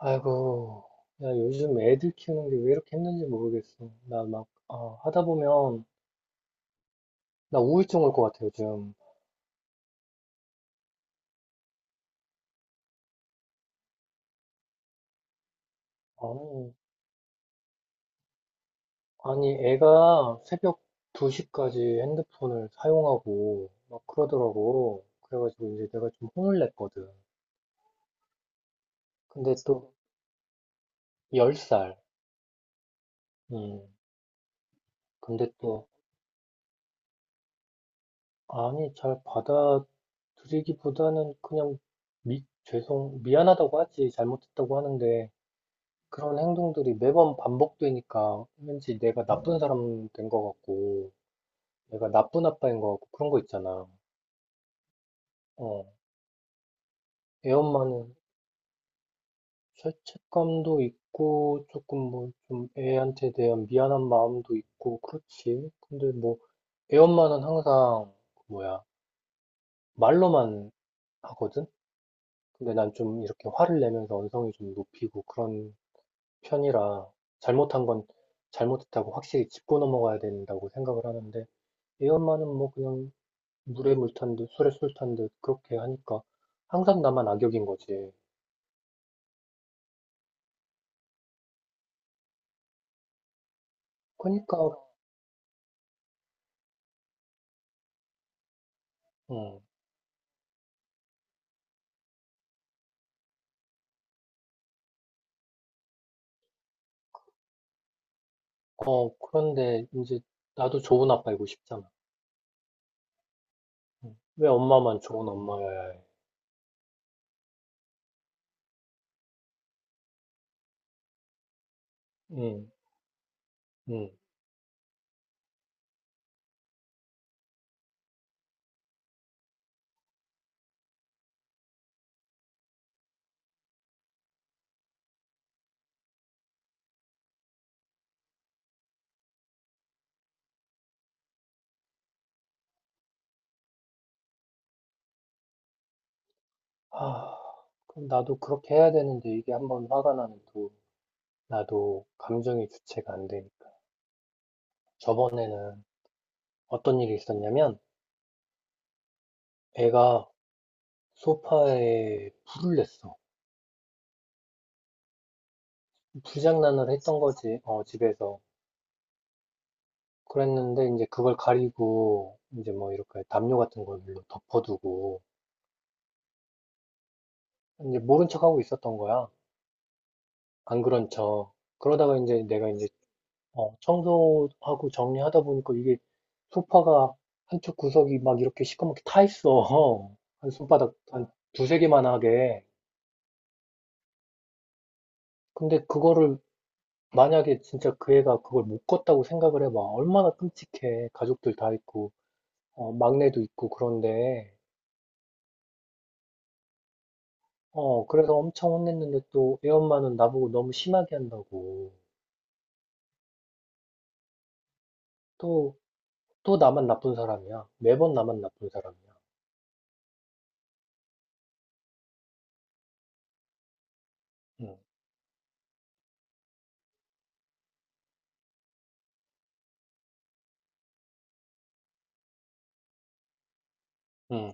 아이고, 야, 요즘 애들 키우는 게 왜 이렇게 힘든지 모르겠어. 나 막, 하다 보면, 나 우울증 올 것 같아, 요즘. 아니, 아니, 애가 새벽 2시까지 핸드폰을 사용하고, 막 그러더라고. 그래가지고 이제 내가 좀 혼을 냈거든. 근데 또, 10살. 음, 근데 또, 아니, 잘 받아들이기보다는 그냥, 미안하다고 하지. 잘못했다고 하는데, 그런 행동들이 매번 반복되니까 왠지 내가 나쁜 사람 된 것 같고, 내가 나쁜 아빠인 것 같고, 그런 거 있잖아. 어, 애 엄마는 죄책감도 있고, 조금 뭐, 좀 애한테 대한 미안한 마음도 있고, 그렇지. 근데 뭐, 애 엄마는 항상, 그 뭐야, 말로만 하거든? 근데 난 좀 이렇게 화를 내면서 언성이 좀 높이고 그런 편이라, 잘못한 건 잘못했다고 확실히 짚고 넘어가야 된다고 생각을 하는데, 애 엄마는 뭐 그냥 물에 물탄듯 술에 술탄듯 그렇게 하니까 항상 나만 악역인 거지. 그러니까 응. 그런데 이제 나도 좋은 아빠이고 싶잖아. 응. 왜 엄마만 좋은 엄마여야 해? 응 응 아, 그럼 나도 그렇게 해야 되는데 이게 한번 화가 나면 또 나도 감정이 주체가 안 되니까. 저번에는 어떤 일이 있었냐면 애가 소파에 불을 냈어. 불장난을 했던 거지. 어, 집에서. 그랬는데 이제 그걸 가리고 이제 뭐 이렇게 담요 같은 걸로 덮어두고 이제 모른 척하고 있었던 거야. 안 그런 척. 그러다가 이제 내가 이제 청소하고 정리하다 보니까 이게 소파가 한쪽 구석이 막 이렇게 시커멓게 타 있어. 한 손바닥 한 두세 개만하게. 근데 그거를 만약에 진짜 그 애가 그걸 못 껐다고 생각을 해 봐. 얼마나 끔찍해. 가족들 다 있고 막내도 있고 그런데. 어, 그래서 엄청 혼냈는데 또 애 엄마는 나보고 너무 심하게 한다고. 또, 또 나만 나쁜 사람이야. 매번 나만 나쁜 사람이야. 응, 응.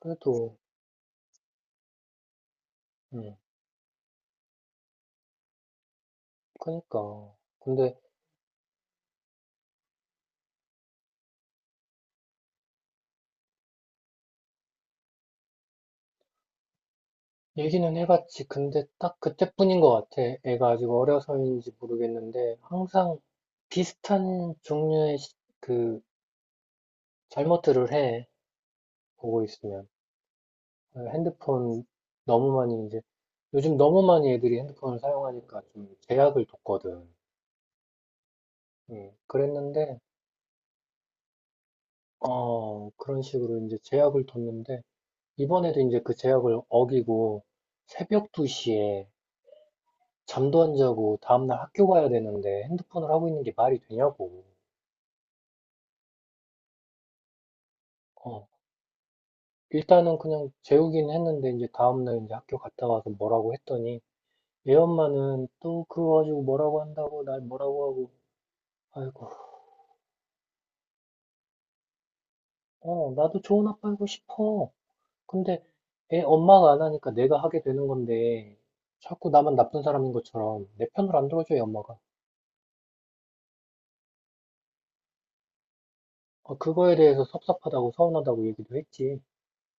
그래도, 응, 그니까. 근데 얘기는 해봤지. 근데 딱 그때뿐인 것 같아. 애가 아직 어려서인지 모르겠는데 항상 비슷한 종류의 그 잘못들을 해. 보고 있으면. 핸드폰 너무 많이 이제 요즘 너무 많이 애들이 핸드폰을 사용하니까 좀 제약을 뒀거든. 그랬는데, 그런 식으로 이제 제약을 뒀는데, 이번에도 이제 그 제약을 어기고, 새벽 2시에 잠도 안 자고 다음날 학교 가야 되는데 핸드폰을 하고 있는 게 말이 되냐고. 어, 일단은 그냥 재우긴 했는데, 이제 다음날 이제 학교 갔다 와서 뭐라고 했더니, 얘 엄마는 또 그거 가지고 뭐라고 한다고, 날 뭐라고 하고, 아이고, 나도 좋은 아빠이고 싶어. 근데 애 엄마가 안 하니까 내가 하게 되는 건데 자꾸 나만 나쁜 사람인 것처럼 내 편을 안 들어줘요, 엄마가. 그거에 대해서 섭섭하다고 서운하다고 얘기도 했지.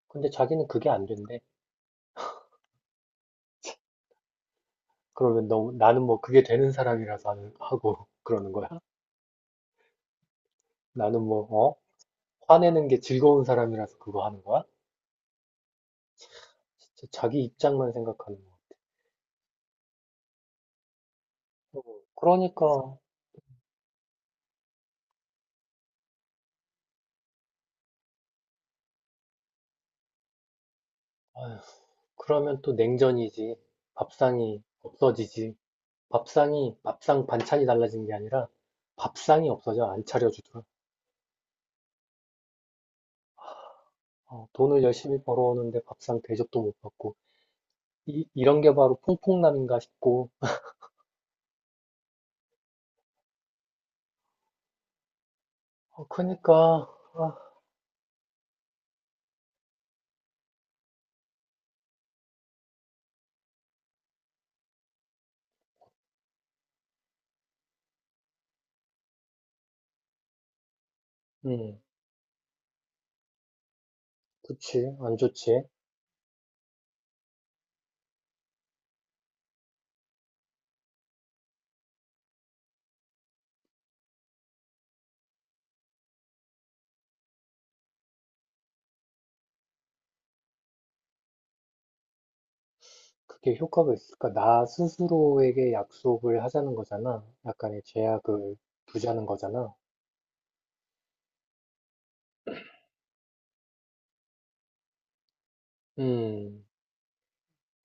근데 자기는 그게 안 된대. 그러면 너, 나는 뭐 그게 되는 사람이라서 하고 그러는 거야? 나는 뭐, 어? 화내는 게 즐거운 사람이라서 그거 하는 거야? 진짜 자기 입장만 생각하는 거야. 어, 그러니까, 아휴, 그러면 또 냉전이지. 밥상이 없어지지. 밥상이 밥상 반찬이 달라진 게 아니라 밥상이 없어져 안 차려주더라. 돈을 열심히 벌어오는데 밥상 대접도 못 받고 이, 이런 게 바로 퐁퐁남인가 싶고 그니까 아, 음, 그치 안 좋지. 그게 효과가 있을까? 나 스스로에게 약속을 하자는 거잖아. 약간의 제약을 두자는 거잖아. 음,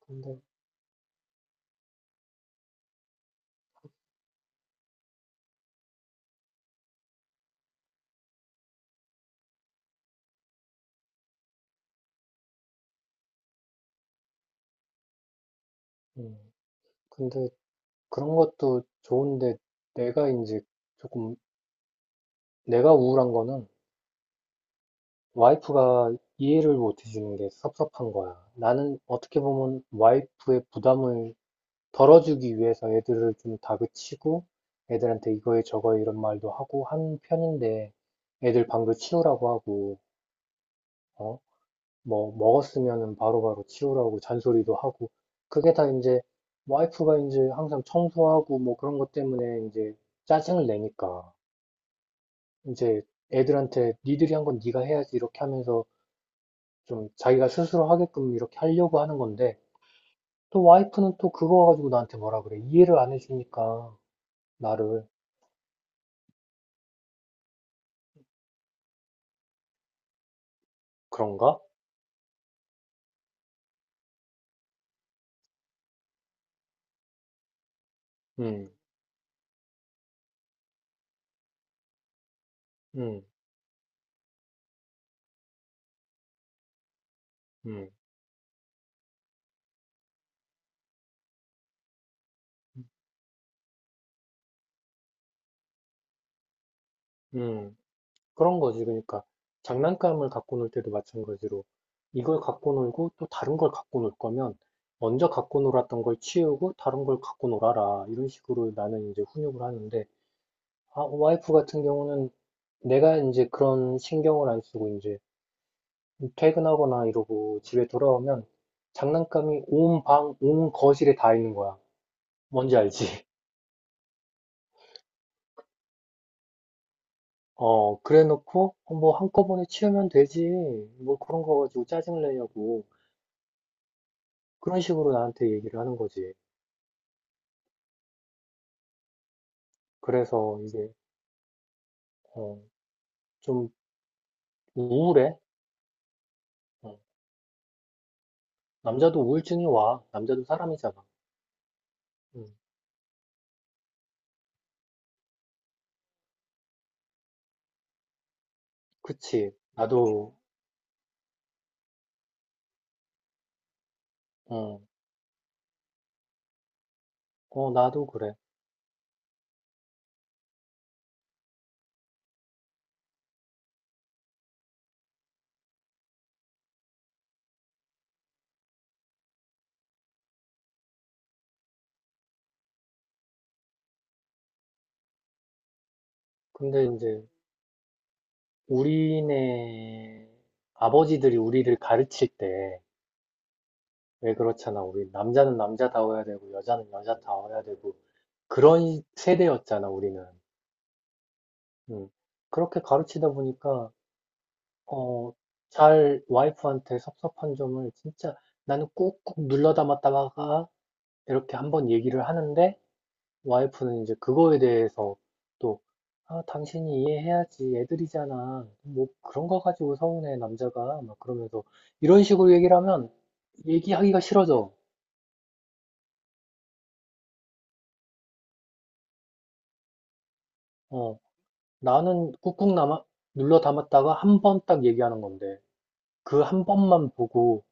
근데, 음, 근데 그런 것도 좋은데 내가 이제 조금 내가 우울한 거는 와이프가 이해를 못 해주는 게 섭섭한 거야. 나는 어떻게 보면 와이프의 부담을 덜어주기 위해서 애들을 좀 다그치고 애들한테 이거에 저거에 이런 말도 하고 한 편인데 애들 방도 치우라고 하고, 어? 뭐, 먹었으면은 바로바로 치우라고 잔소리도 하고 그게 다 이제 와이프가 이제 항상 청소하고 뭐 그런 것 때문에 이제 짜증을 내니까 이제 애들한테 니들이 한 건 니가 해야지 이렇게 하면서 좀 자기가 스스로 하게끔 이렇게 하려고 하는 건데, 또 와이프는 또 그거 가지고 나한테 뭐라 그래. 이해를 안 해주니까, 나를. 그런가? 음, 음, 음, 음. 그런 거지. 그러니까, 장난감을 갖고 놀 때도 마찬가지로, 이걸 갖고 놀고 또 다른 걸 갖고 놀 거면, 먼저 갖고 놀았던 걸 치우고 다른 걸 갖고 놀아라. 이런 식으로 나는 이제 훈육을 하는데, 아, 와이프 같은 경우는 내가 이제 그런 신경을 안 쓰고, 이제, 퇴근하거나 이러고 집에 돌아오면 장난감이 온 방, 온 거실에 다 있는 거야. 뭔지 알지? 그래 놓고, 뭐 한꺼번에 치우면 되지. 뭐 그런 거 가지고 짜증을 내냐고. 그런 식으로 나한테 얘기를 하는 거지. 그래서 이게, 어, 좀 우울해. 어, 남자도 우울증이 와. 남자도 사람이잖아. 음, 그치. 어, 나도 그래. 근데 이제 우리네 아버지들이 우리를 가르칠 때, 왜 그렇잖아. 우리 남자는 남자다워야 되고, 여자는 여자다워야 되고, 그런 세대였잖아, 우리는. 음. 그렇게 가르치다 보니까, 어, 잘 와이프한테 섭섭한 점을 진짜 나는 꾹꾹 눌러 담았다가 이렇게 한번 얘기를 하는데, 와이프는 이제 그거에 대해서 또, 아, 당신이 이해해야지. 애들이잖아. 뭐 그런 거 가지고 서운해, 남자가. 막 그러면서 이런 식으로 얘기를 하면 얘기하기가 싫어져. 어. 나는 꾹꾹 눌러 담았다가 한 번 딱 얘기하는 건데, 그 한 번만 보고,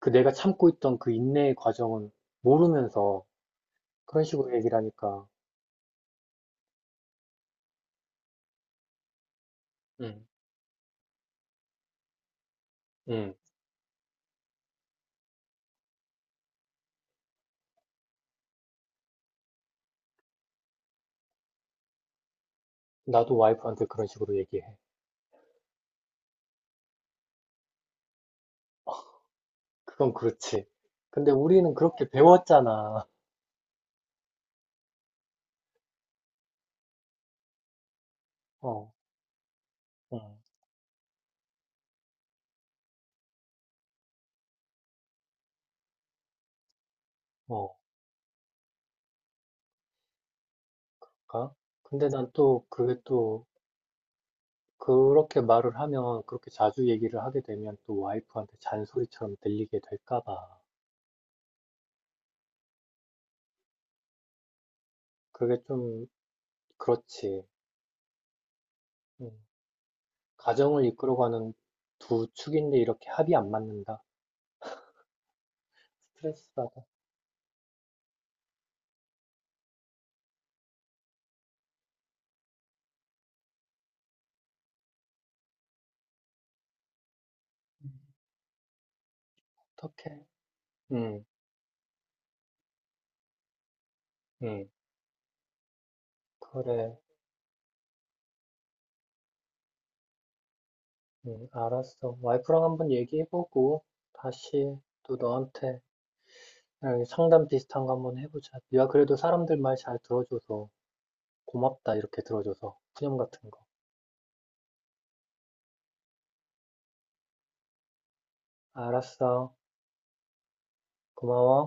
그 내가 참고 있던 그 인내의 과정을 모르면서 그런 식으로 얘기를 하니까, 응, 응, 나도 와이프한테 그런 식으로 얘기해. 그건 그렇지. 근데 우리는 그렇게 배웠잖아. 어, 어. 어, 가? 근데 난 또, 그게 또, 그렇게 말을 하면, 그렇게 자주 얘기를 하게 되면 또 와이프한테 잔소리처럼 들리게 될까 봐. 그게 좀, 그렇지. 응. 가정을 이끌어가는 두 축인데 이렇게 합이 안 맞는다. 스트레스 받아. 어떡해. 응, 응. 그래. 응, 알았어. 와이프랑 한번 얘기해보고 다시 또 너한테 상담 비슷한 거 한번 해보자. 네가 그래도 사람들 말 잘 들어줘서 고맙다. 이렇게 들어줘서. 푸념 같은 거. 알았어. 고마워.